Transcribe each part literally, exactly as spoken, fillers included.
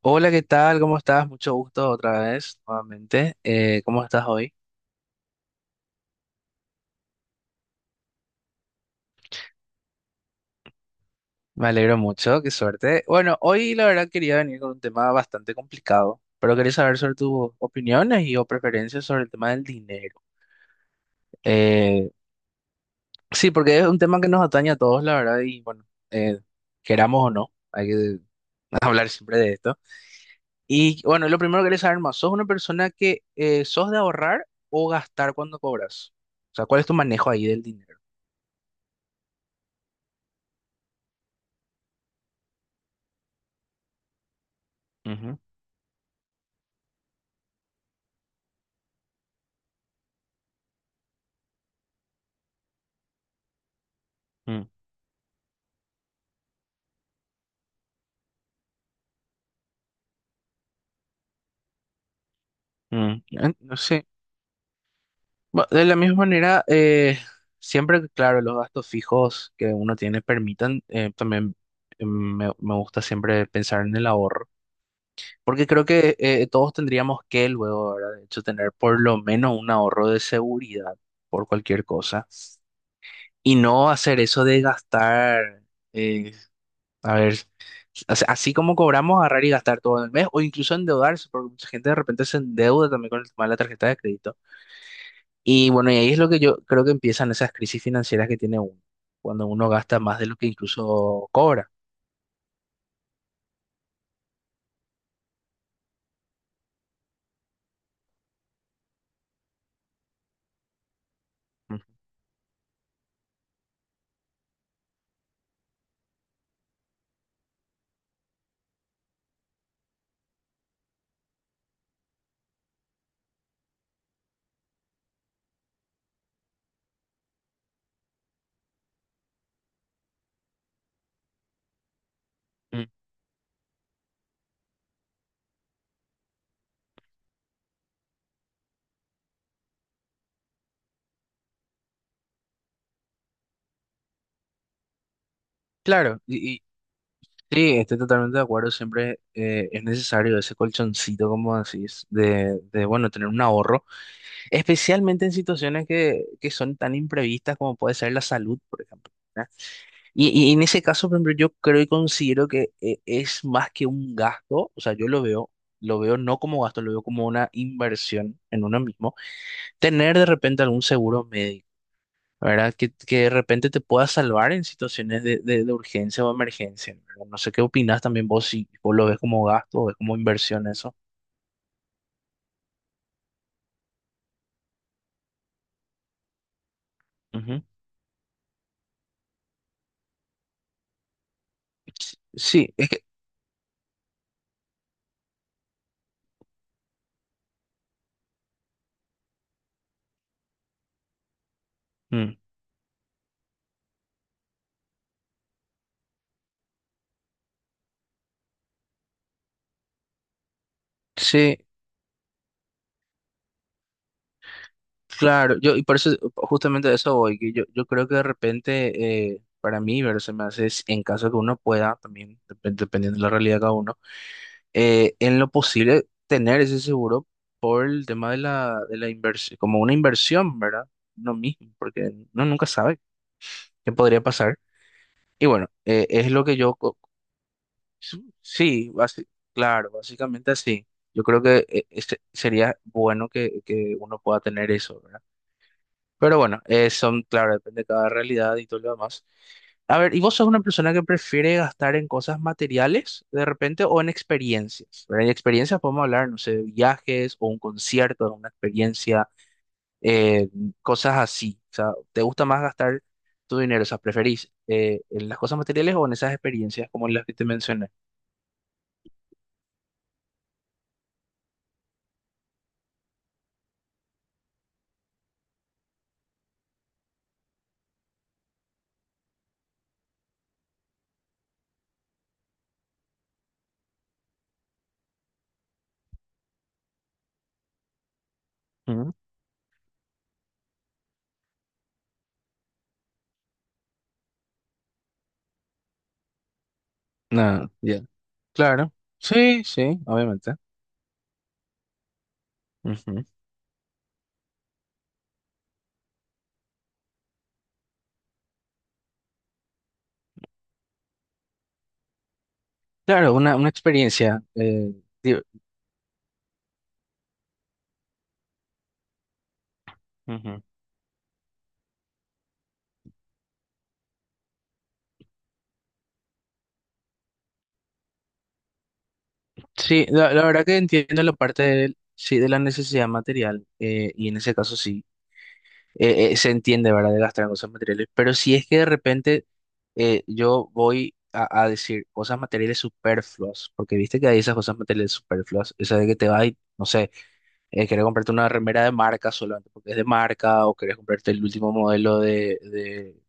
Hola, ¿qué tal? ¿Cómo estás? Mucho gusto otra vez, nuevamente. Eh, ¿cómo estás hoy? Me alegro mucho, qué suerte. Bueno, hoy la verdad quería venir con un tema bastante complicado, pero quería saber sobre tus opiniones y o preferencias sobre el tema del dinero. Eh, sí, porque es un tema que nos atañe a todos, la verdad, y bueno, eh, queramos o no, hay que hablar siempre de esto. Y bueno, lo primero que quería saber más, ¿sos una persona que eh, sos de ahorrar o gastar cuando cobras? O sea, ¿cuál es tu manejo ahí del dinero? Ujú, mm. Mm, en- no sé. Ba- De la misma manera, eh, siempre que, claro, los gastos fijos que uno tiene permitan, eh, también eh, me, me gusta siempre pensar en el ahorro, porque creo que eh, todos tendríamos que luego, ¿verdad? De hecho, tener por lo menos un ahorro de seguridad por cualquier cosa y no hacer eso de gastar, eh, a ver, o sea, así como cobramos, agarrar y gastar todo en el mes o incluso endeudarse, porque mucha gente de repente se endeuda también con el tema de la tarjeta de crédito. Y bueno, y ahí es lo que yo creo que empiezan esas crisis financieras que tiene uno, cuando uno gasta más de lo que incluso cobra. Ujú. Mm. Claro, y, y sí, estoy totalmente de acuerdo, siempre eh, es necesario ese colchoncito, como decís, de, de, bueno, tener un ahorro, especialmente en situaciones que, que son tan imprevistas como puede ser la salud, por ejemplo. ¿Verdad? Y, y en ese caso, por ejemplo, yo creo y considero que eh, es más que un gasto, o sea, yo lo veo, lo veo no como gasto, lo veo como una inversión en uno mismo tener de repente algún seguro médico, ¿verdad? Que, que de repente te pueda salvar en situaciones de, de, de urgencia o emergencia, ¿verdad? No sé qué opinas también vos, si vos lo ves como gasto o ves como inversión eso. Ujú. Sí, es que, mm, sí, claro, yo, y por eso, justamente de eso voy, que yo, yo creo que de repente, eh, para mí, ver, se me hace, si- en caso de que uno pueda, también, dep- dependiendo de la realidad de cada uno, eh, en lo posible tener ese seguro por el tema de la, de la inversión, como una inversión, ¿verdad? No mismo, porque no nunca sabe qué podría pasar. Y bueno, eh, es lo que yo, co- sí, basi- claro, básicamente así. Yo creo que eh, este- sería bueno que, que uno pueda tener eso, ¿verdad? Pero bueno, eh, son, claro, depende de cada realidad y todo lo demás. A ver, ¿y vos sos una persona que prefiere gastar en cosas materiales de repente o en experiencias? ¿Verdad? En experiencias podemos hablar, no sé, de viajes o un concierto, una experiencia, eh, cosas así. O sea, ¿te gusta más gastar tu dinero? O sea, ¿preferís eh, en las cosas materiales o en esas experiencias como las que te mencioné? Ujú. No, ya. Claro. Sí, sí, obviamente. Ujú. Claro, una, una experiencia. eh, di- Sí, la, la verdad que entiendo la parte de, sí, de la necesidad material, eh, y en ese caso sí, eh, eh, se entiende, ¿verdad?, de gastar en cosas materiales, pero si es que de repente eh, yo voy a, a decir cosas materiales superfluas, porque viste que hay esas cosas materiales superfluas, esa de que te vas y, no sé, eh, querés comprarte una remera de marca solamente porque es de marca, o querés comprarte el último modelo de, de,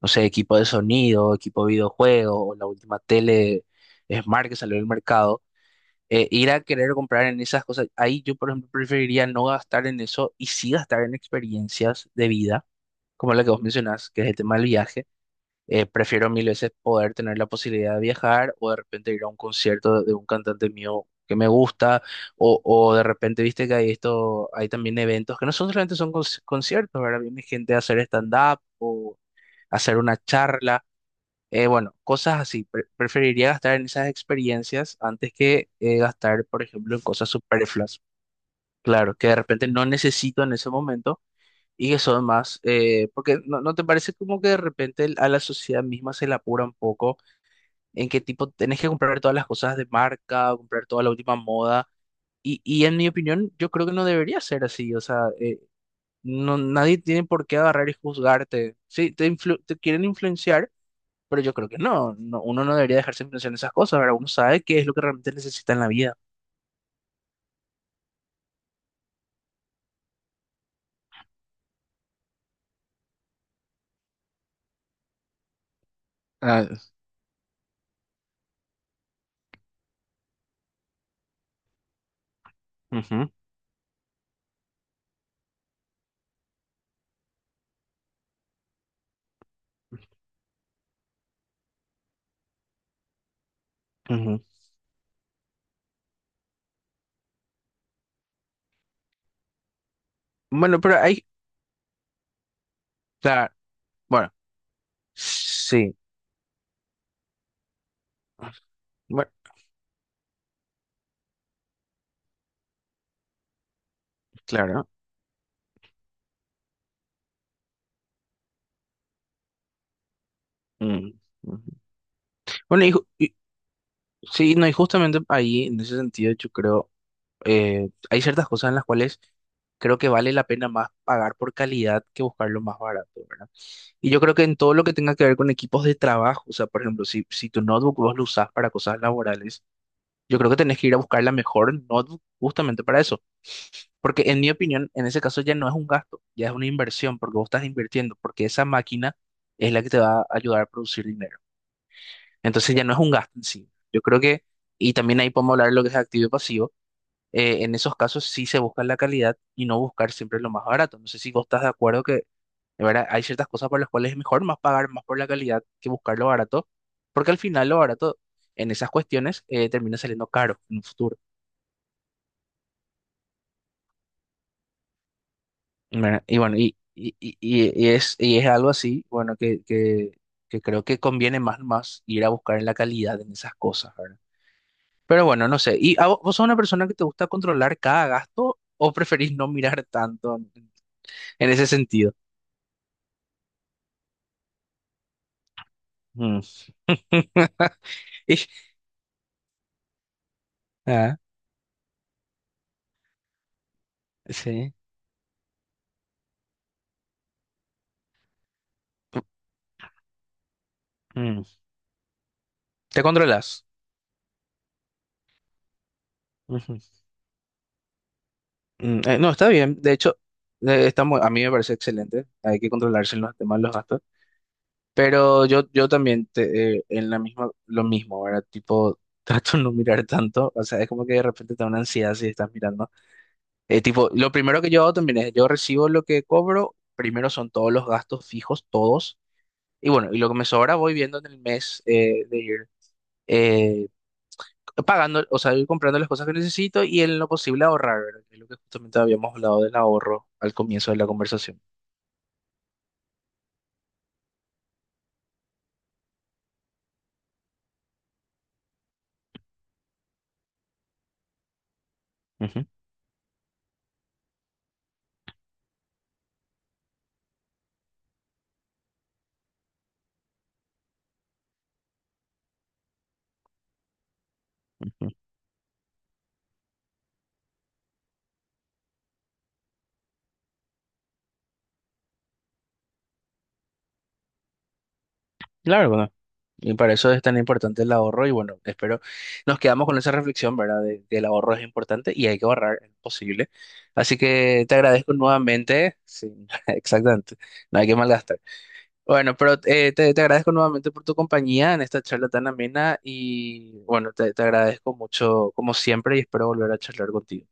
no sé, equipo de sonido, equipo de videojuego, o la última tele eh, Smart que salió del mercado eh, ir a querer comprar en esas cosas. Ahí yo, por ejemplo, preferiría no gastar en eso y sí gastar en experiencias de vida, como la que vos mencionás, que es el tema del viaje. Eh, prefiero mil veces poder tener la posibilidad de viajar o de repente ir a un concierto de un cantante mío que me gusta o, o de repente, viste que hay esto, hay también eventos que no son solamente son conci- conciertos, ¿verdad? Viene gente a hacer stand-up o hacer una charla eh, bueno, cosas así. Pre- preferiría gastar en esas experiencias antes que eh, gastar, por ejemplo, en cosas superfluas. Claro, que de repente no necesito en ese momento y que son más, eh, porque no, ¿no te parece como que de repente el- a la sociedad misma se la apura un poco en qué tipo tenés que comprar todas las cosas de marca, comprar toda la última moda? Y, y en mi opinión, yo creo que no debería ser así. O sea, eh, no, nadie tiene por qué agarrar y juzgarte. Sí, te, influ- te quieren influenciar, pero yo creo que no, no, uno no debería dejarse influenciar en esas cosas, ¿verdad? Uno sabe qué es lo que realmente necesita en la vida. Ah, ujú, ujú. Bueno, pero hay, claro, bueno, sí, bueno, claro. Mm, ujú. Bueno, y, ju- y- sí, no, y justamente ahí, en ese sentido, yo creo, eh, hay ciertas cosas en las cuales creo que vale la pena más pagar por calidad que buscar lo más barato, ¿verdad? Y yo creo que en todo lo que tenga que ver con equipos de trabajo, o sea, por ejemplo, si, si tu notebook vos lo usás para cosas laborales, yo creo que tenés que ir a buscar la mejor notebook justamente para eso. Porque en mi opinión, en ese caso ya no es un gasto, ya es una inversión, porque vos estás invirtiendo, porque esa máquina es la que te va a ayudar a producir dinero. Entonces ya no es un gasto en sí. Yo creo que, y también ahí podemos hablar de lo que es activo y pasivo, eh, en esos casos sí se busca la calidad y no buscar siempre lo más barato. No sé si vos estás de acuerdo que, de verdad, hay ciertas cosas por las cuales es mejor más pagar más por la calidad que buscar lo barato, porque al final lo barato en esas cuestiones eh, termina saliendo caro en un futuro. Bueno, y bueno, y, y, y, y es, y es algo así, bueno, que, que, que creo que conviene más, más ir a buscar en la calidad en esas cosas, ¿verdad? Pero bueno, no sé. ¿Y a vo- vos, sos una persona que te gusta controlar cada gasto o preferís no mirar tanto en, en ese sentido? Mm. Y- ah, sí. Mm. Te controlas. Ujú. Mm, eh, no, está bien. De hecho, eh, está mu- a mí me parece excelente. Hay que controlarse en los temas de los gastos. Pero yo, yo también te- eh, en la misma, lo mismo, ¿verdad? Tipo, trato de no mirar tanto, o sea, es como que de repente te da una ansiedad si estás mirando. Eh, tipo, lo primero que yo hago también es, yo recibo lo que cobro, primero son todos los gastos fijos, todos, y bueno, y lo que me sobra voy viendo en el mes eh, de ir eh, pagando, o sea, ir comprando las cosas que necesito y en lo posible ahorrar, ¿verdad? Que es lo que justamente habíamos hablado del ahorro al comienzo de la conversación. Ujú, ujú. Claro. Y para eso es tan importante el ahorro y bueno, espero nos quedamos con esa reflexión, ¿verdad? De que el ahorro es importante y hay que ahorrar en lo posible. Así que te agradezco nuevamente, sí, exactamente, no hay que malgastar. Bueno, pero eh, te, te agradezco nuevamente por tu compañía en esta charla tan amena y bueno, te, te agradezco mucho como siempre y espero volver a charlar contigo.